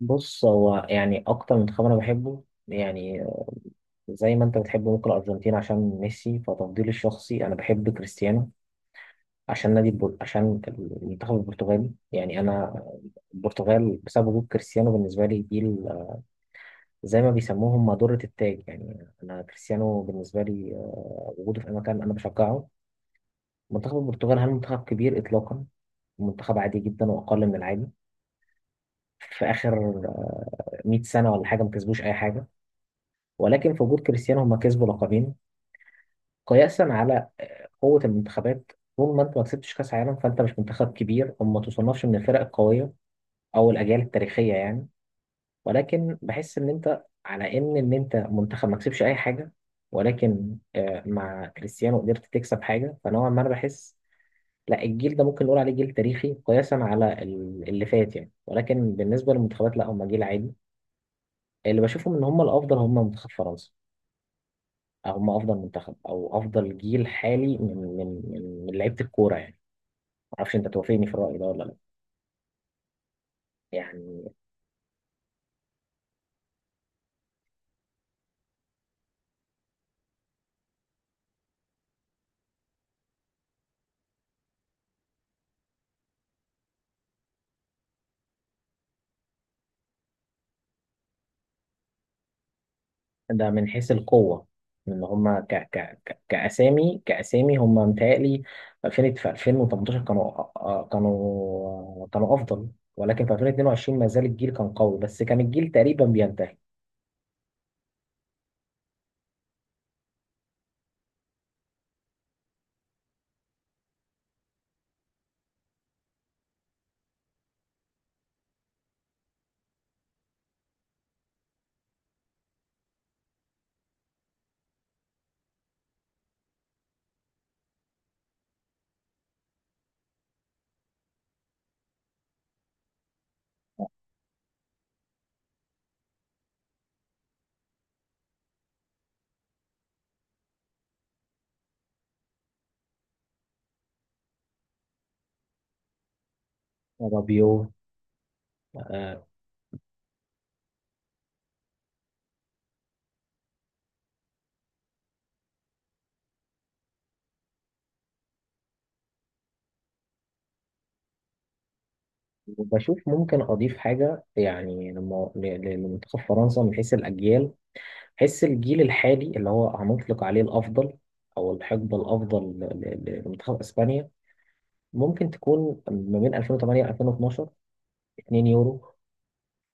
بص، هو يعني أكتر منتخب أنا بحبه يعني زي ما أنت بتحب ممكن الأرجنتين عشان ميسي. فتفضيلي الشخصي أنا بحب كريستيانو عشان المنتخب البرتغالي يعني. أنا البرتغال بسبب وجود كريستيانو، بالنسبة لي زي ما بيسموهم مادورة التاج. يعني أنا كريستيانو بالنسبة لي، وجوده في أي مكان أنا بشجعه. منتخب البرتغال، هل منتخب كبير إطلاقا؟ منتخب عادي جدا وأقل من العادي، في آخر 100 سنة ولا حاجة ما كسبوش أي حاجة، ولكن في وجود كريستيانو هم كسبوا لقبين قياسا على قوة المنتخبات. طول ما انت ما كسبتش كأس عالم فانت مش منتخب كبير وما تصنفش من الفرق القوية او الاجيال التاريخية يعني. ولكن بحس ان انت على ان انت منتخب ما كسبش اي حاجة، ولكن مع كريستيانو قدرت تكسب حاجة. فنوعا ما انا بحس، لا، الجيل ده ممكن نقول عليه جيل تاريخي قياسا على اللي فات يعني، ولكن بالنسبة للمنتخبات لا، هم جيل عادي. اللي بشوفهم ان هم الافضل هم منتخب فرنسا. هم افضل منتخب او افضل جيل حالي من لعيبة الكورة يعني. معرفش انت توافقني في الرأي ده ولا لا يعني. ده من حيث القوة، ان هما ك ك ك كأسامي كأسامي هما متهيألي 2000. في 2018 كانوا، كانوا أفضل، ولكن في 2022 ما زال الجيل كان قوي، بس كان الجيل تقريبا بينتهي. رابيو، آه، وبشوف ممكن أضيف حاجة يعني لمنتخب فرنسا من حيث الأجيال، حيث الجيل الحالي اللي هو هنطلق عليه الأفضل أو الحقبة الأفضل لمنتخب إسبانيا. ممكن تكون ما بين 2008 2012. 2 يورو،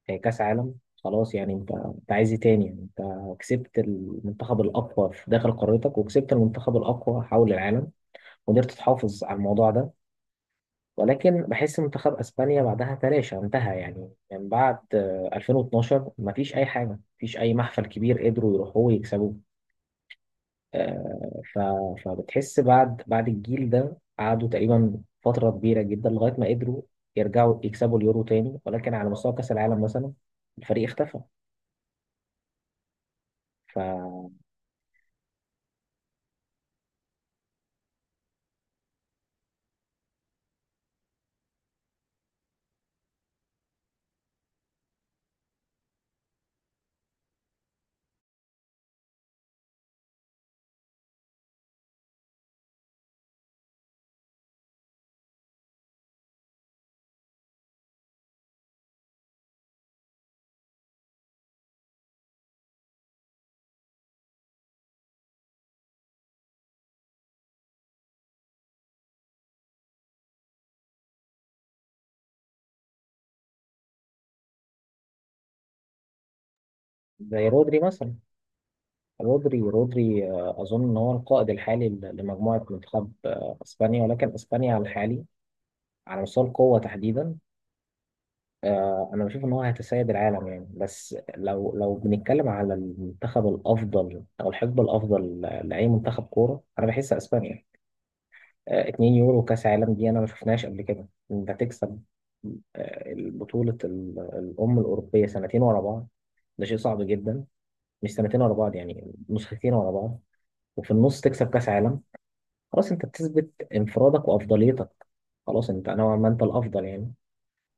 كاس عالم، خلاص. يعني انت عايز ايه تاني يعني؟ انت كسبت المنتخب الاقوى في داخل قارتك وكسبت المنتخب الاقوى حول العالم، وقدرت تحافظ على الموضوع ده. ولكن بحس منتخب اسبانيا بعدها تلاشى، انتهى يعني. من بعد 2012 مفيش اي حاجه، مفيش اي محفل كبير قدروا يروحوه ويكسبوه. آه، ف... فبتحس بعد الجيل ده قعدوا تقريبا فترة كبيرة جدا لغاية ما قدروا يرجعوا يكسبوا اليورو تاني، ولكن على مستوى كأس العالم مثلا الفريق اختفى، ف... زي رودري مثلا. رودري، أظن إن هو القائد الحالي لمجموعة منتخب إسبانيا. ولكن إسبانيا على الحالي، على مستوى القوة تحديدا، أنا بشوف إن هو هيتسيد العالم يعني. بس لو بنتكلم على المنتخب الأفضل أو الحقبة الأفضل لأي منتخب كورة، أنا بحس إسبانيا. 2 يورو كاس عالم، دي انا ما شفناش قبل كده. انت تكسب البطولة الأم الأوروبية سنتين ورا بعض، ده شيء صعب جدا. مش سنتين ورا بعض يعني، نسختين ورا بعض. وفي النص تكسب كأس عالم. خلاص أنت بتثبت انفرادك وأفضليتك. خلاص أنت نوعا ما أنت الأفضل يعني.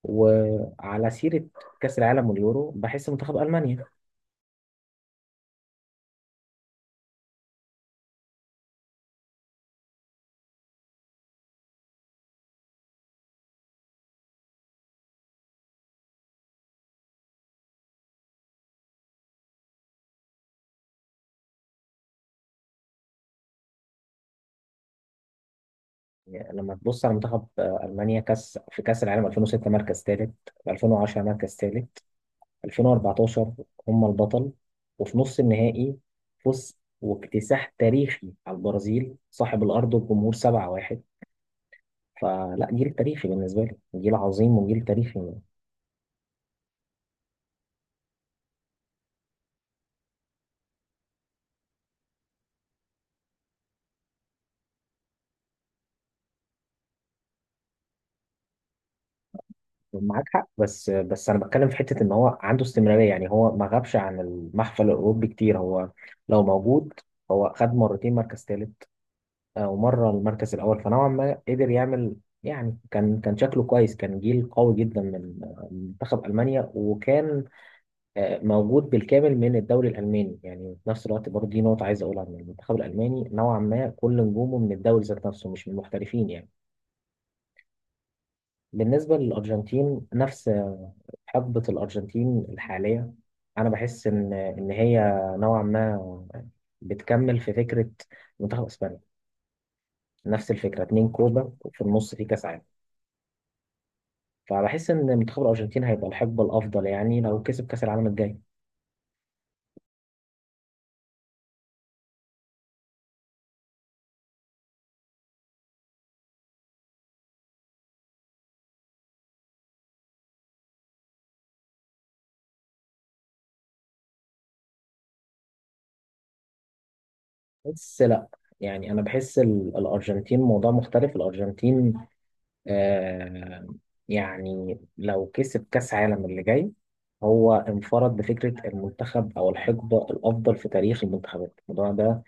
وعلى سيرة كأس العالم واليورو، بحس منتخب ألمانيا. يعني لما تبص على منتخب ألمانيا، كأس في كأس العالم 2006 مركز ثالث، 2010 مركز ثالث، 2014 هم البطل. وفي نص النهائي فوز واكتساح تاريخي على البرازيل صاحب الأرض والجمهور 7-1. فلا، جيل تاريخي بالنسبة لي، جيل عظيم وجيل تاريخي. معاك حق، بس بس أنا بتكلم في حتة إن هو عنده استمرارية يعني. هو ما غابش عن المحفل الأوروبي كتير، هو لو موجود. هو خد مرتين مركز ثالث ومرة المركز الأول، فنوعا ما قدر يعمل يعني. كان شكله كويس، كان جيل قوي جدا من منتخب ألمانيا، وكان موجود بالكامل من الدوري الألماني. يعني في نفس الوقت برضه دي نقطة عايز أقولها، إن المنتخب الألماني نوعا ما كل نجومه من الدوري ذات نفسه، مش من المحترفين يعني. بالنسبة للأرجنتين، نفس حقبة الأرجنتين الحالية، أنا بحس إن هي نوعا ما بتكمل في فكرة منتخب إسبانيا. نفس الفكرة، اتنين كوبا وفي النص في كأس عالم. فبحس إن منتخب الأرجنتين هيبقى الحقبة الأفضل يعني، لو كسب كأس العالم الجاي. بس لا، يعني انا بحس الارجنتين موضوع مختلف. الارجنتين، آه يعني لو كسب كاس عالم اللي جاي، هو انفرد بفكره المنتخب او الحقبه الافضل في تاريخ المنتخبات. الموضوع ده،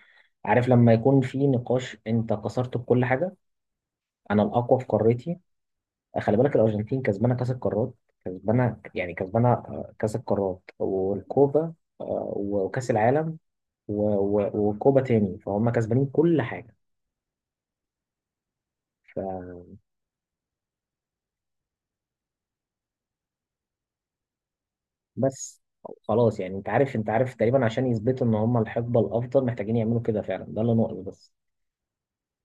عارف لما يكون في نقاش انت كسرت بكل حاجه. انا الاقوى في قارتي. خلي بالك الارجنتين كسبانه كاس القارات، كسبانه يعني، كسبانه كاس القارات والكوبا، وكاس العالم و- وكوبا تاني. فهم كسبانين كل حاجه. فبس، خلاص يعني انت عارف تقريبا عشان يثبتوا ان هم الحقبه الافضل محتاجين يعملوا كده فعلا، ده اللي ناقص بس.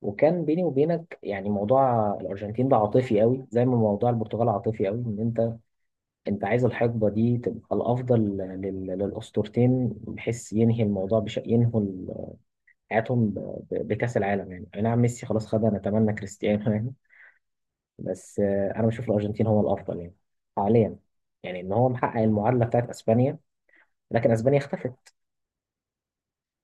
وكان بيني وبينك يعني موضوع الارجنتين ده عاطفي قوي، زي ما موضوع البرتغال عاطفي قوي، ان انت عايز الحقبه دي تبقى الافضل للاسطورتين، بحيث ينهي الموضوع ينهوا حياتهم، بكاس العالم يعني. اي نعم، ميسي خلاص خدها، نتمنى كريستيانو يعني. بس انا بشوف الارجنتين هو الافضل يعني حاليا. يعني ان هو محقق المعادله بتاعت اسبانيا، لكن اسبانيا اختفت.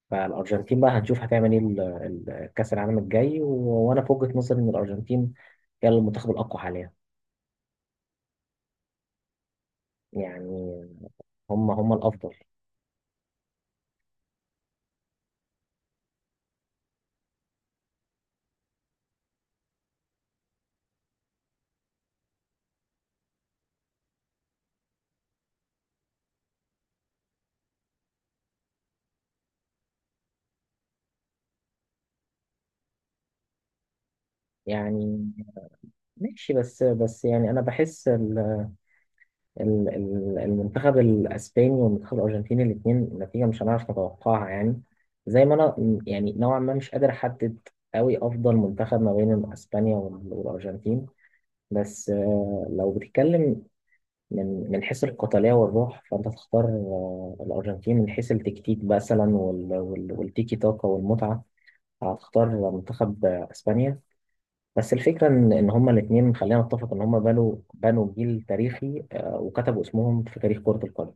فالارجنتين بقى هنشوف هتعمل ايه كاس العالم الجاي. وانا في وجهة نظري ان الارجنتين هي المنتخب الاقوى حاليا يعني. هم الافضل يعني. ماشي، بس بس يعني انا بحس ال المنتخب الاسباني والمنتخب الارجنتيني، الاثنين نتيجه مش هنعرف نتوقعها يعني. زي ما انا، يعني نوعا ما مش قادر احدد قوي افضل منتخب ما بين اسبانيا والارجنتين. بس لو بتتكلم من حيث القتالية والروح فأنت تختار الأرجنتين. من حيث التكتيك مثلا والتيكي تاكا والمتعة، هتختار منتخب إسبانيا. بس الفكرة إن هما الاتنين، خلينا نتفق إن هما بنوا جيل تاريخي وكتبوا اسمهم في تاريخ كرة القدم.